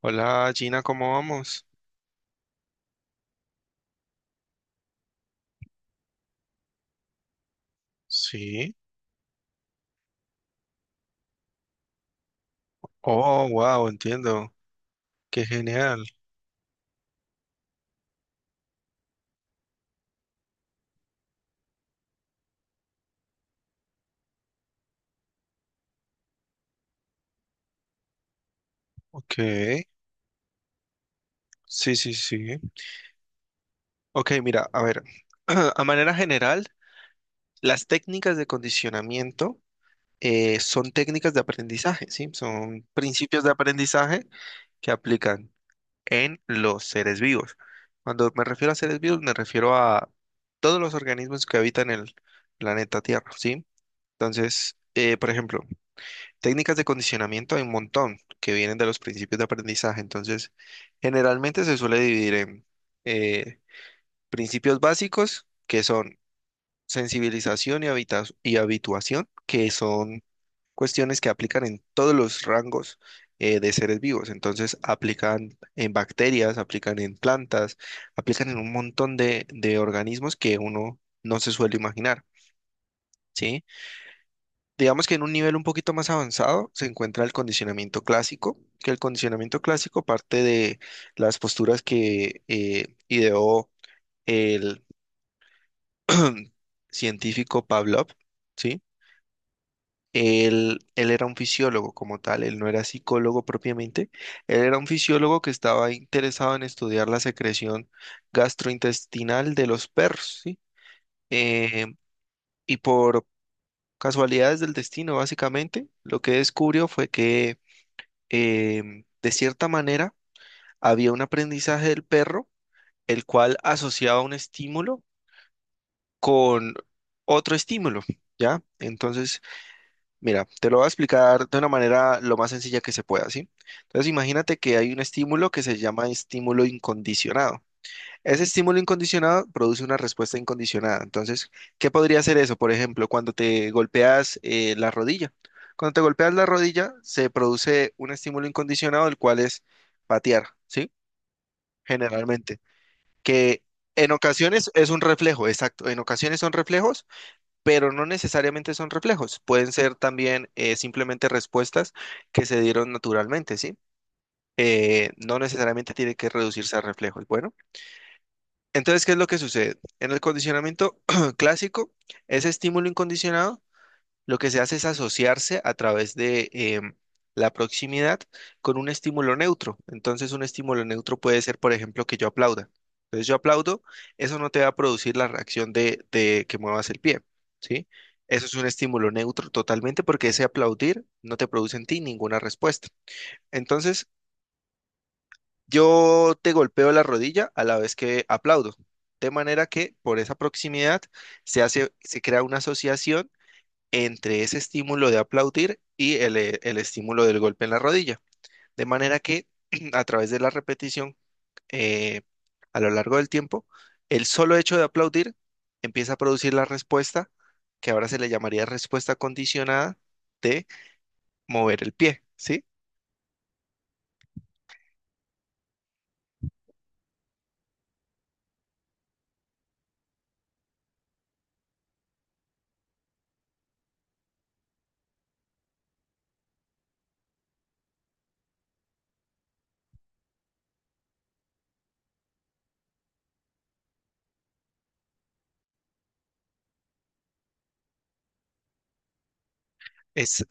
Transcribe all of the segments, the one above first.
Hola Gina, ¿cómo vamos? Sí. Oh, wow, entiendo. Qué genial. Ok. Sí, sí, sí. Ok, mira, a ver. A manera general, las técnicas de condicionamiento son técnicas de aprendizaje, ¿sí? Son principios de aprendizaje que aplican en los seres vivos. Cuando me refiero a seres vivos, me refiero a todos los organismos que habitan el planeta Tierra, ¿sí? Entonces, por ejemplo, técnicas de condicionamiento hay un montón que vienen de los principios de aprendizaje. Entonces, generalmente se suele dividir en eh, principios básicos, que son sensibilización y, y habituación, que son cuestiones que aplican en todos los rangos de seres vivos. Entonces, aplican en bacterias, aplican en plantas, aplican en un montón de organismos que uno no se suele imaginar, ¿sí? Digamos que en un nivel un poquito más avanzado se encuentra el condicionamiento clásico, que el condicionamiento clásico parte de las posturas que ideó el científico Pavlov, ¿sí? Él era un fisiólogo como tal, él no era psicólogo propiamente, él era un fisiólogo que estaba interesado en estudiar la secreción gastrointestinal de los perros, ¿sí? Eh, y por casualidades del destino, básicamente, lo que descubrió fue que de cierta manera, había un aprendizaje del perro, el cual asociaba un estímulo con otro estímulo, ¿ya? Entonces, mira, te lo voy a explicar de una manera lo más sencilla que se pueda, ¿sí? Entonces, imagínate que hay un estímulo que se llama estímulo incondicionado. Ese estímulo incondicionado produce una respuesta incondicionada. Entonces, ¿qué podría ser eso? Por ejemplo, cuando te golpeas la rodilla. Cuando te golpeas la rodilla, se produce un estímulo incondicionado, el cual es patear, ¿sí? Generalmente. Que en ocasiones es un reflejo, exacto. En ocasiones son reflejos, pero no necesariamente son reflejos. Pueden ser también simplemente respuestas que se dieron naturalmente, ¿sí? No necesariamente tiene que reducirse a reflejos. Bueno. Entonces, ¿qué es lo que sucede? En el condicionamiento clásico, ese estímulo incondicionado, lo que se hace es asociarse a través de la proximidad con un estímulo neutro. Entonces, un estímulo neutro puede ser, por ejemplo, que yo aplauda. Entonces, yo aplaudo, eso no te va a producir la reacción de que muevas el pie, ¿sí? Eso es un estímulo neutro totalmente porque ese aplaudir no te produce en ti ninguna respuesta. Entonces, yo te golpeo la rodilla a la vez que aplaudo, de manera que por esa proximidad se hace, se crea una asociación entre ese estímulo de aplaudir y el estímulo del golpe en la rodilla, de manera que a través de la repetición eh, a lo largo del tiempo, el solo hecho de aplaudir empieza a producir la respuesta que ahora se le llamaría respuesta condicionada de mover el pie, ¿sí? Es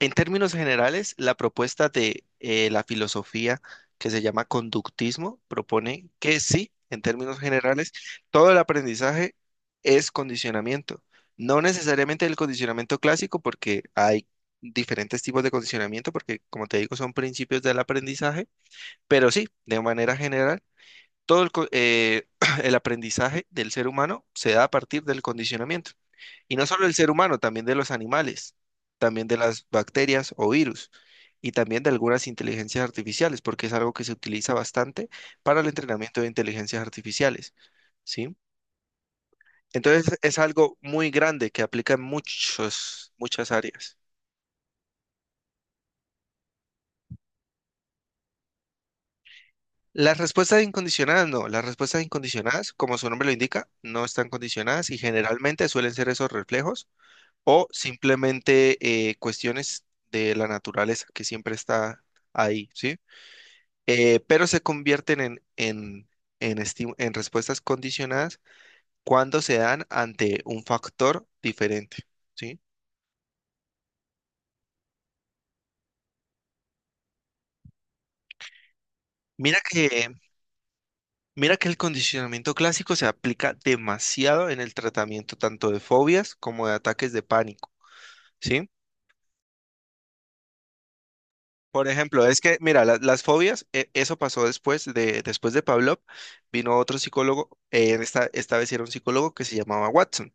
En términos generales, la propuesta de la filosofía que se llama conductismo propone que sí, en términos generales, todo el aprendizaje es condicionamiento. No necesariamente el condicionamiento clásico, porque hay diferentes tipos de condicionamiento, porque como te digo, son principios del aprendizaje, pero sí, de manera general, todo el el aprendizaje del ser humano se da a partir del condicionamiento. Y no solo del ser humano, también de los animales, también de las bacterias o virus, y también de algunas inteligencias artificiales, porque es algo que se utiliza bastante para el entrenamiento de inteligencias artificiales, ¿sí? Entonces es algo muy grande que aplica en muchos, muchas áreas. Las respuestas incondicionadas, no, las respuestas incondicionadas, como su nombre lo indica, no están condicionadas y generalmente suelen ser esos reflejos o simplemente cuestiones de la naturaleza que siempre está ahí, ¿sí? Pero se convierten en, en respuestas condicionadas cuando se dan ante un factor diferente, ¿sí? Mira que, mira que el condicionamiento clásico se aplica demasiado en el tratamiento tanto de fobias como de ataques de pánico, ¿sí? Por ejemplo, es que, mira, las fobias, eso pasó después de Pavlov, vino otro psicólogo, esta vez era un psicólogo que se llamaba Watson.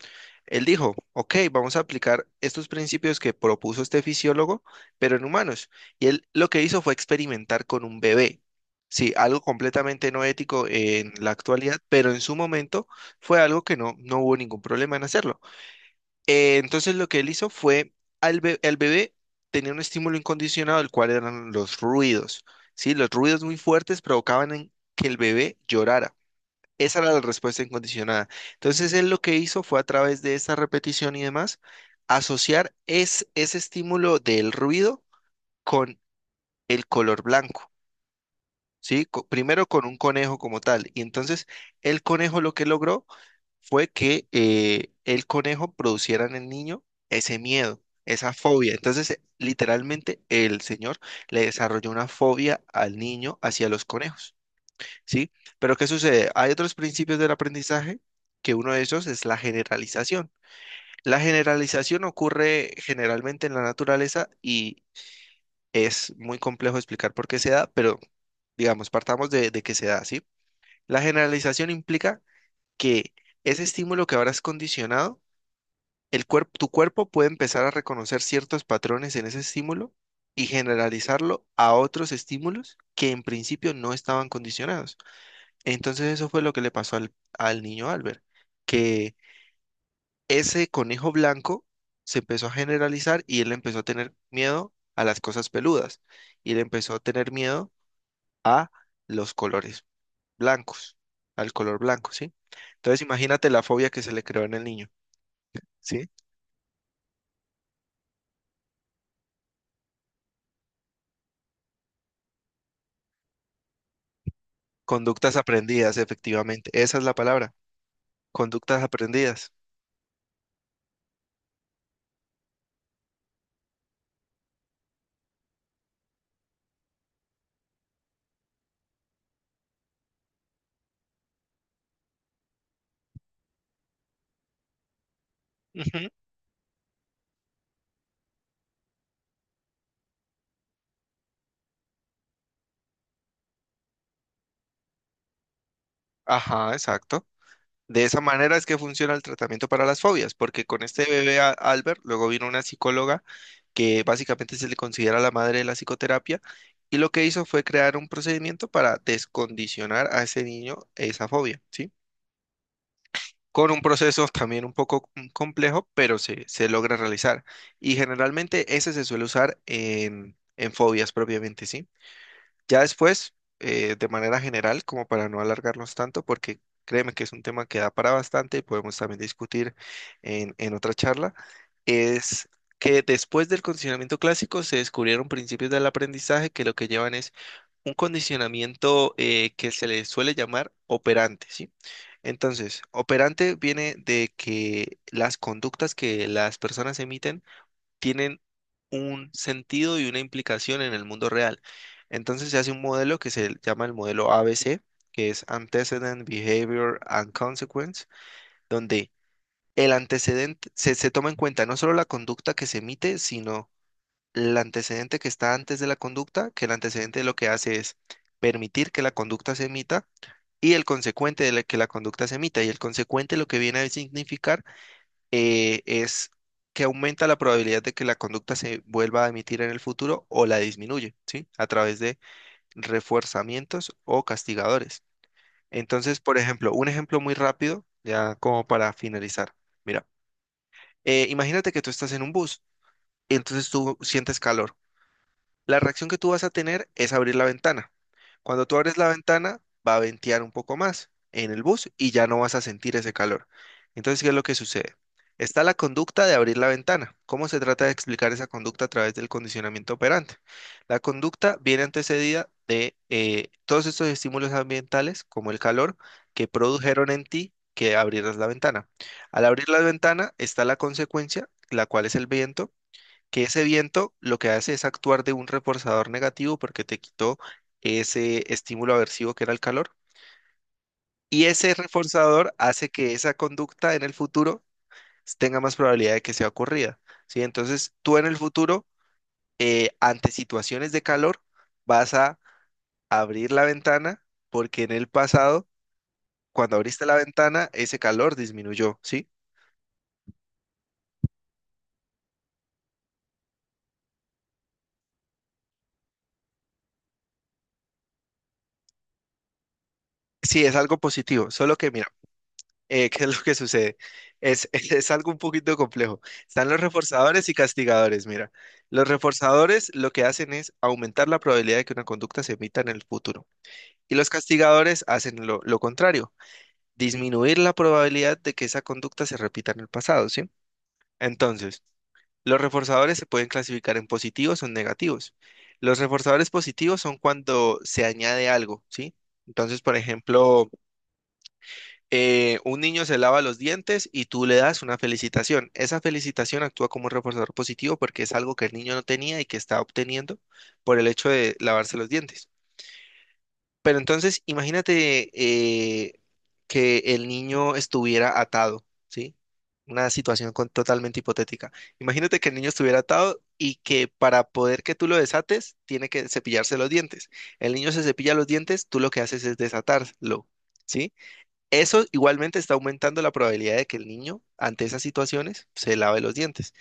Él dijo, ok, vamos a aplicar estos principios que propuso este fisiólogo, pero en humanos. Y él lo que hizo fue experimentar con un bebé. Sí, algo completamente no ético en la actualidad, pero en su momento fue algo que no, no hubo ningún problema en hacerlo. Entonces lo que él hizo fue, el bebé tenía un estímulo incondicionado, el cual eran los ruidos, ¿sí? Los ruidos muy fuertes provocaban que el bebé llorara. Esa era la respuesta incondicionada. Entonces él lo que hizo fue a través de esa repetición y demás, ese estímulo del ruido con el color blanco, ¿sí? Primero con un conejo como tal. Y entonces el conejo lo que logró fue que el conejo produciera en el niño ese miedo, esa fobia. Entonces, literalmente, el señor le desarrolló una fobia al niño hacia los conejos, ¿sí? Pero ¿qué sucede? Hay otros principios del aprendizaje que uno de esos es la generalización. La generalización ocurre generalmente en la naturaleza y es muy complejo explicar por qué se da, pero digamos, partamos de que se da, ¿sí? La generalización implica que ese estímulo que ahora es condicionado tu cuerpo puede empezar a reconocer ciertos patrones en ese estímulo y generalizarlo a otros estímulos que en principio no estaban condicionados. Entonces eso fue lo que le pasó al, al niño Albert, que ese conejo blanco se empezó a generalizar y él empezó a tener miedo a las cosas peludas y él empezó a tener miedo a los colores blancos, al color blanco, ¿sí? Entonces imagínate la fobia que se le creó en el niño, ¿sí? Conductas aprendidas, efectivamente. Esa es la palabra. Conductas aprendidas. Ujú. Ajá, exacto. De esa manera es que funciona el tratamiento para las fobias, porque con este bebé Albert, luego vino una psicóloga que básicamente se le considera la madre de la psicoterapia, y lo que hizo fue crear un procedimiento para descondicionar a ese niño esa fobia, ¿sí? Con un proceso también un poco complejo, pero se logra realizar. Y generalmente ese se suele usar en fobias propiamente, ¿sí? Ya después, de manera general, como para no alargarnos tanto, porque créeme que es un tema que da para bastante y podemos también discutir en otra charla, es que después del condicionamiento clásico se descubrieron principios del aprendizaje que lo que llevan es un condicionamiento que se le suele llamar operante, ¿sí? Entonces, operante viene de que las conductas que las personas emiten tienen un sentido y una implicación en el mundo real. Entonces se hace un modelo que se llama el modelo ABC, que es Antecedent, Behavior and Consequence, donde el antecedente se, se toma en cuenta no solo la conducta que se emite, sino el antecedente que está antes de la conducta, que el antecedente lo que hace es permitir que la conducta se emita y el consecuente de que la conducta se emita. Y el consecuente lo que viene a significar es que aumenta la probabilidad de que la conducta se vuelva a emitir en el futuro o la disminuye, ¿sí? A través de refuerzamientos o castigadores. Entonces, por ejemplo, un ejemplo muy rápido, ya como para finalizar. Mira, imagínate que tú estás en un bus, entonces tú sientes calor. La reacción que tú vas a tener es abrir la ventana. Cuando tú abres la ventana, va a ventear un poco más en el bus y ya no vas a sentir ese calor. Entonces, ¿qué es lo que sucede? Está la conducta de abrir la ventana. ¿Cómo se trata de explicar esa conducta a través del condicionamiento operante? La conducta viene antecedida de todos estos estímulos ambientales, como el calor, que produjeron en ti que abrieras la ventana. Al abrir la ventana está la consecuencia, la cual es el viento que ese viento lo que hace es actuar de un reforzador negativo porque te quitó ese estímulo aversivo que era el calor. Y ese reforzador hace que esa conducta en el futuro tenga más probabilidad de que sea ocurrida, ¿sí? Entonces, tú en el futuro, ante situaciones de calor, vas a abrir la ventana porque en el pasado, cuando abriste la ventana, ese calor disminuyó, ¿sí? Sí, es algo positivo, solo que ¿qué es lo que sucede? Es, es algo un poquito complejo. Están los reforzadores y castigadores. Mira, los reforzadores lo que hacen es aumentar la probabilidad de que una conducta se emita en el futuro. Y los castigadores hacen lo contrario, disminuir la probabilidad de que esa conducta se repita en el pasado, ¿sí? Entonces, los reforzadores se pueden clasificar en positivos o en negativos. Los reforzadores positivos son cuando se añade algo, ¿sí? Entonces, por ejemplo un niño se lava los dientes y tú le das una felicitación. Esa felicitación actúa como un reforzador positivo porque es algo que el niño no tenía y que está obteniendo por el hecho de lavarse los dientes. Pero entonces, imagínate que el niño estuviera atado, ¿sí? Una situación totalmente hipotética. Imagínate que el niño estuviera atado y que para poder que tú lo desates, tiene que cepillarse los dientes. El niño se cepilla los dientes, tú lo que haces es desatarlo, ¿sí? Eso igualmente está aumentando la probabilidad de que el niño, ante esas situaciones, se lave los dientes.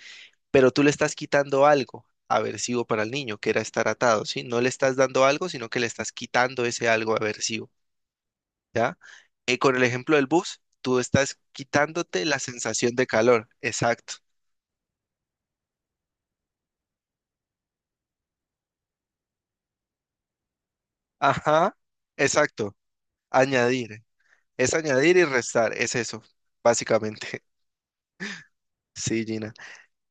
Pero tú le estás quitando algo aversivo para el niño, que era estar atado, ¿sí? No le estás dando algo, sino que le estás quitando ese algo aversivo, ¿ya? Con el ejemplo del bus, tú estás quitándote la sensación de calor. Exacto. Ajá, exacto. Añadir. Es añadir y restar. Es eso, básicamente. Sí, Gina.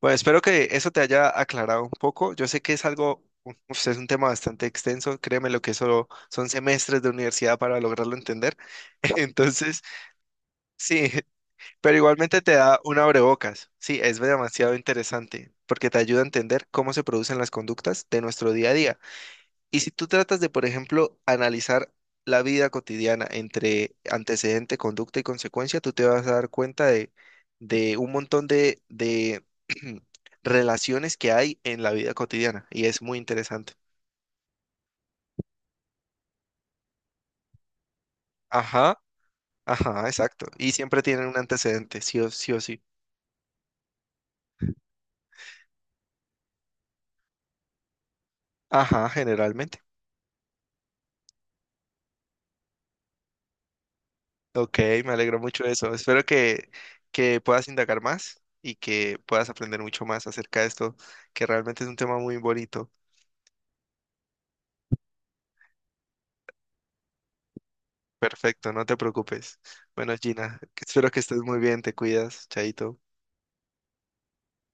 Bueno, espero que eso te haya aclarado un poco. Yo sé que es algo, uf, es un tema bastante extenso. Créeme lo que eso son semestres de universidad para lograrlo entender. Entonces, sí, pero igualmente te da un abrebocas. Sí, es demasiado interesante porque te ayuda a entender cómo se producen las conductas de nuestro día a día. Y si tú tratas de, por ejemplo, analizar la vida cotidiana entre antecedente, conducta y consecuencia, tú te vas a dar cuenta de un montón de relaciones que hay en la vida cotidiana y es muy interesante. Ajá, ajá, exacto. Y siempre tienen un antecedente, sí o sí. O sí. Ajá, generalmente. Ok, me alegro mucho de eso. Espero que puedas indagar más y que puedas aprender mucho más acerca de esto, que realmente es un tema muy bonito. Perfecto, no te preocupes. Bueno, Gina, espero que estés muy bien, te cuidas, chaito.